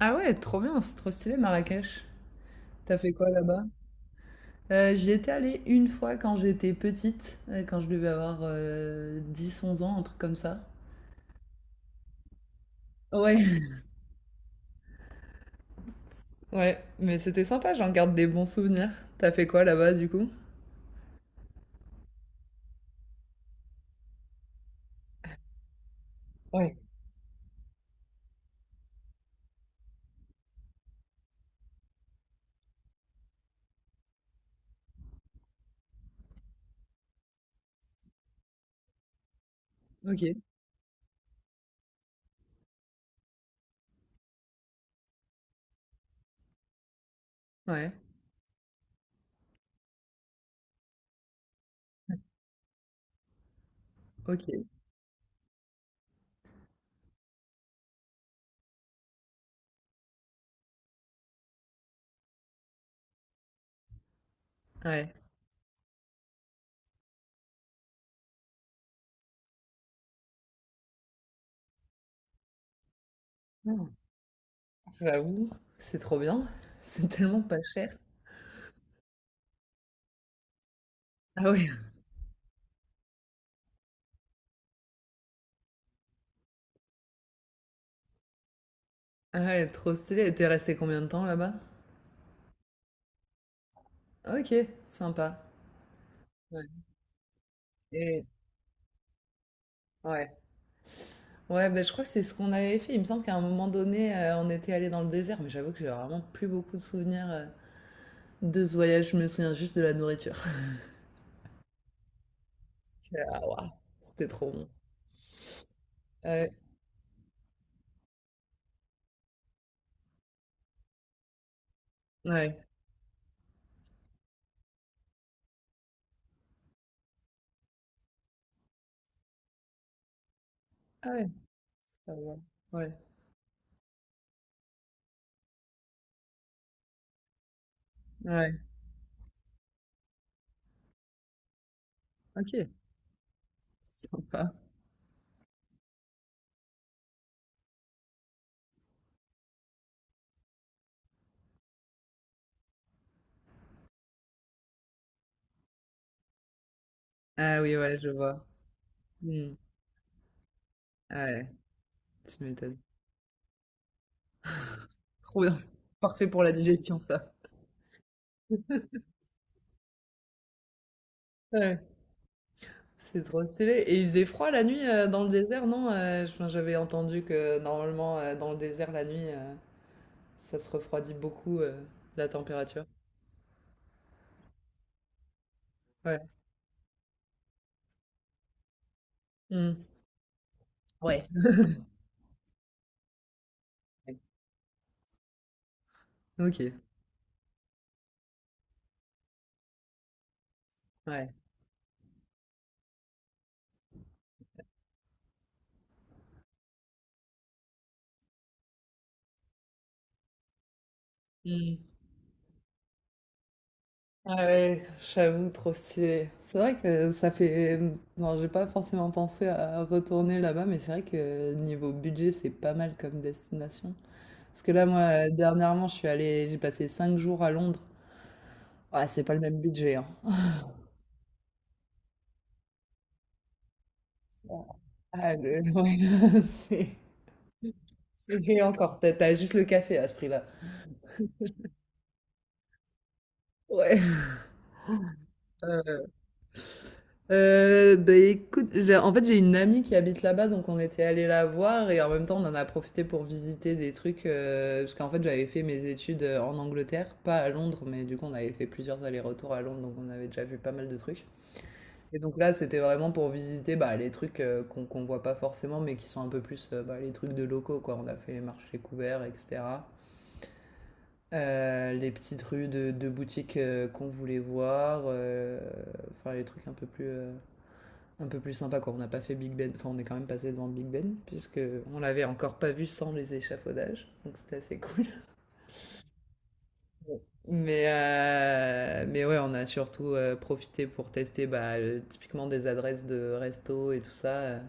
Ah ouais, trop bien, c'est trop stylé Marrakech. T'as fait quoi là-bas? J'y étais allée une fois quand j'étais petite, quand je devais avoir 10-11 ans, un truc comme ça. Ouais, ouais, mais c'était sympa, j'en garde des bons souvenirs. T'as fait quoi là-bas du coup? Ouais. Ok, ouais, ok, ouais. Hmm. J'avoue, c'est trop bien, c'est tellement pas cher. Ah ouais, ah ouais, trop stylé. Et t'es resté combien de temps là-bas? Ok, sympa. Ouais. Et ouais. Ouais, ben, je crois que c'est ce qu'on avait fait. Il me semble qu'à un moment donné, on était allé dans le désert, mais j'avoue que j'ai vraiment plus beaucoup de souvenirs de ce voyage. Je me souviens juste de la nourriture. J'étais là, ah, waouh, c'était trop bon. Ouais, ouais. Ah ouais, ça va. Ouais, ouais. Ok, sympa. Ah oui, ouais, je vois. Hmm. Ah ouais, tu m'étonnes. Trop bien. Parfait pour la digestion, ça. Ouais, c'est trop stylé. Et il faisait froid la nuit dans le désert, non? Enfin, j'avais entendu que normalement, dans le désert, la nuit, ça se refroidit beaucoup, la température? Ouais. Mmh. Ouais. Ouais. OK. Ouais. Mmh. Ah ouais, j'avoue, trop stylé. C'est vrai que ça fait, mmh, non, j'ai pas forcément pensé à retourner là-bas, mais c'est vrai que niveau budget, c'est pas mal comme destination. Parce que là, moi, dernièrement, je suis allée, j'ai passé 5 jours à Londres. Ah, c'est pas le même budget, hein. Ah le ouais, c'est encore. T'as as juste le café à ce prix-là. Ouais. Ouais, ouais, ouais. Bah écoute, en fait j'ai une amie qui habite là-bas, donc on était allé la voir et en même temps on en a profité pour visiter des trucs, parce qu'en fait j'avais fait mes études en Angleterre, pas à Londres, mais du coup on avait fait plusieurs allers-retours à Londres, donc on avait déjà vu pas mal de trucs. Et donc là c'était vraiment pour visiter bah, les trucs qu'on voit pas forcément, mais qui sont un peu plus bah, les trucs de locaux, quoi. On a fait les marchés couverts, etc. Les petites rues de boutiques qu'on voulait voir, enfin les trucs un peu plus un peu plus sympa quoi. On n'a pas fait Big Ben, enfin on est quand même passé devant Big Ben puisque on l'avait encore pas vu sans les échafaudages, donc c'était assez cool. Ouais. Mais ouais, on a surtout profité pour tester bah, typiquement des adresses de resto et tout ça.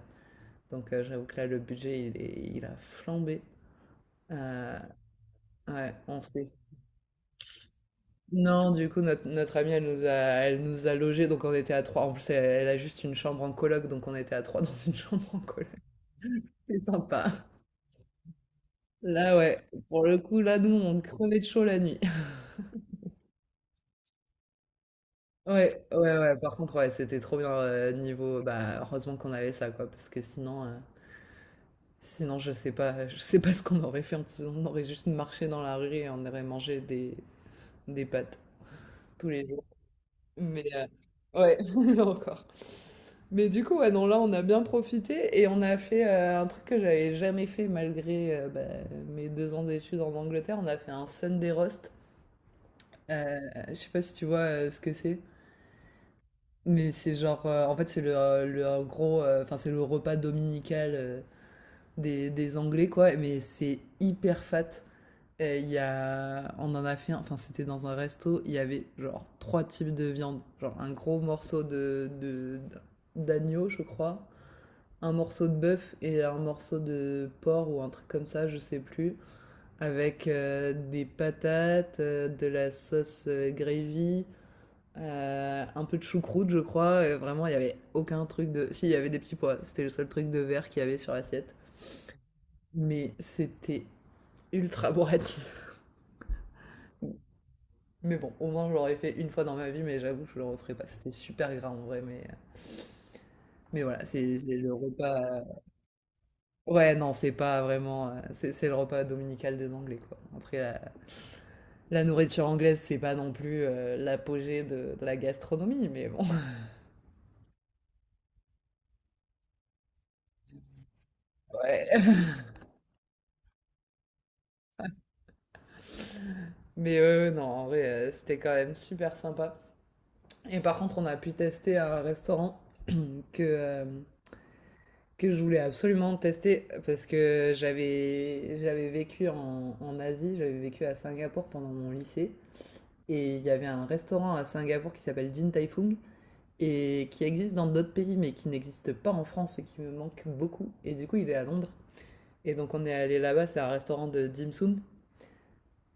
Donc j'avoue que là le budget il a flambé. Euh, ouais, on sait. Non, du coup, notre amie, elle nous a logés, donc on était à 3. En plus, elle a juste une chambre en coloc, donc on était à trois dans une chambre en coloc. C'est sympa. Là, ouais, pour le coup, là, nous, on crevait de chaud la nuit. Ouais, ouais, ouais. Par contre, ouais, c'était trop bien niveau. Bah, heureusement qu'on avait ça, quoi, parce que sinon, sinon, je sais pas, je sais pas ce qu'on aurait fait. On aurait juste marché dans la rue et on aurait mangé des pâtes tous les jours. Mais ouais, encore. Mais du coup, ouais, non, là, on a bien profité et on a fait un truc que j'avais jamais fait malgré bah, mes 2 ans d'études en Angleterre. On a fait un Sunday roast. Euh, je sais pas si tu vois ce que c'est. Mais c'est genre, en fait, c'est le, gros, enfin, c'est le repas dominical des Anglais, quoi. Mais c'est hyper fat. Et il y a, on en a fait un, enfin, c'était dans un resto, il y avait genre trois types de viande. Genre un gros morceau de, d'agneau, je crois, un morceau de bœuf et un morceau de porc ou un truc comme ça, je sais plus. Avec des patates, de la sauce gravy, un peu de choucroute, je crois, et vraiment, il n'y avait aucun truc de. Si, il y avait des petits pois. C'était le seul truc de verre qu'il y avait sur l'assiette. Mais c'était ultra bourratif. Mais bon, au moins, je l'aurais fait une fois dans ma vie, mais j'avoue, je le referai pas. C'était super gras en vrai, mais voilà, c'est le repas. Ouais, non, c'est pas vraiment. C'est le repas dominical des Anglais, quoi. Après, la nourriture anglaise, c'est pas non plus l'apogée de la gastronomie, mais bon. Ouais. Mais non, en vrai, c'était quand même super sympa. Et par contre, on a pu tester un restaurant que, euh, que je voulais absolument tester parce que j'avais vécu en, en Asie, j'avais vécu à Singapour pendant mon lycée. Et il y avait un restaurant à Singapour qui s'appelle Din Tai Fung et qui existe dans d'autres pays mais qui n'existe pas en France et qui me manque beaucoup. Et du coup, il est à Londres. Et donc, on est allé là-bas, c'est un restaurant de dim sum.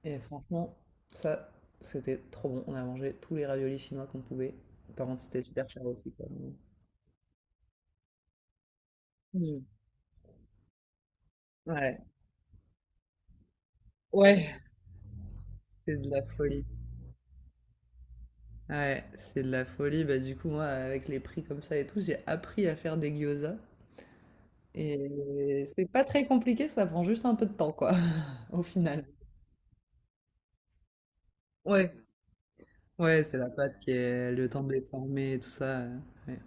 Et franchement, ça, c'était trop bon. On a mangé tous les raviolis chinois qu'on pouvait. Par contre, c'était super cher aussi, quoi. Mm. Ouais, ouais, c'est de la folie. Ouais, c'est de la folie. Bah, du coup, moi, avec les prix comme ça et tout, j'ai appris à faire des gyozas. Et c'est pas très compliqué, ça prend juste un peu de temps, quoi, au final. Ouais, ouais, c'est la pâte qui est le temps de déformer et tout ça. Ouais.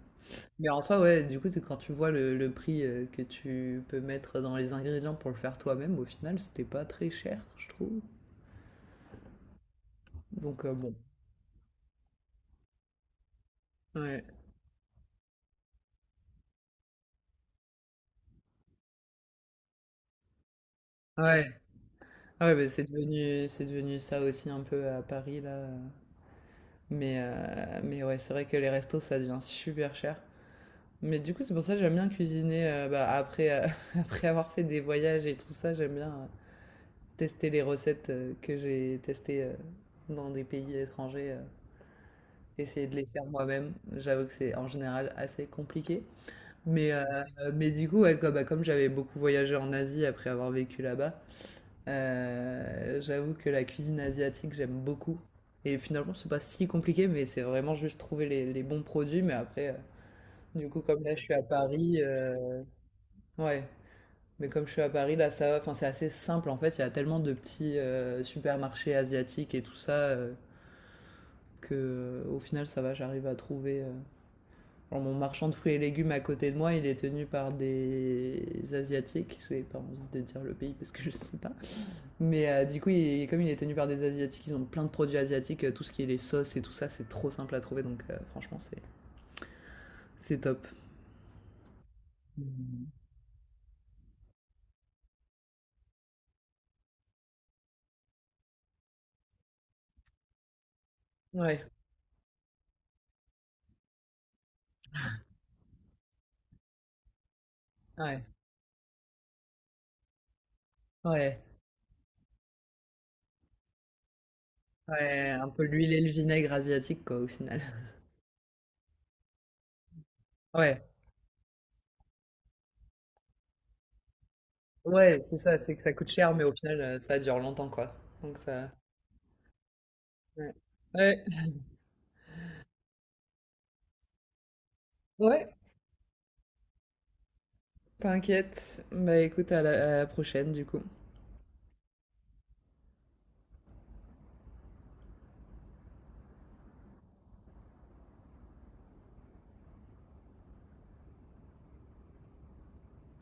Mais en soi, ouais, du coup, c'est quand tu vois le prix que tu peux mettre dans les ingrédients pour le faire toi-même, au final, c'était pas très cher, je trouve. Donc, bon. Ouais, ouais. Ah ouais, bah, c'est devenu ça aussi un peu à Paris, là. Mais ouais, c'est vrai que les restos, ça devient super cher. Mais du coup, c'est pour ça que j'aime bien cuisiner bah, après, après avoir fait des voyages et tout ça, j'aime bien tester les recettes que j'ai testées dans des pays étrangers, essayer de les faire moi-même. J'avoue que c'est en général assez compliqué. Mais, euh, mais du coup, ouais, comme, bah, comme j'avais beaucoup voyagé en Asie après avoir vécu là-bas, j'avoue que la cuisine asiatique, j'aime beaucoup. Et finalement, c'est pas si compliqué, mais c'est vraiment juste trouver les bons produits. Mais après, du coup, comme là, je suis à Paris, ouais. Mais comme je suis à Paris, là, ça va. Enfin, c'est assez simple. En fait, il y a tellement de petits supermarchés asiatiques et tout ça que, au final, ça va. J'arrive à trouver. Genre, mon marchand de fruits et légumes à côté de moi, il est tenu par des asiatiques. J'ai pas envie de dire le pays parce que je sais pas. Mais du coup, comme il est tenu par des Asiatiques, ils ont plein de produits asiatiques, tout ce qui est les sauces et tout ça, c'est trop simple à trouver, donc franchement, c'est top. Mm. Ouais, ouais, ouais, ouais, un peu l'huile et le vinaigre asiatique, quoi, au final. Ouais, ouais, c'est ça, c'est que ça coûte cher, mais au final, ça dure longtemps, quoi. Donc ça... Ouais, ouais, ouais, t'inquiète. Bah écoute, à la prochaine, du coup.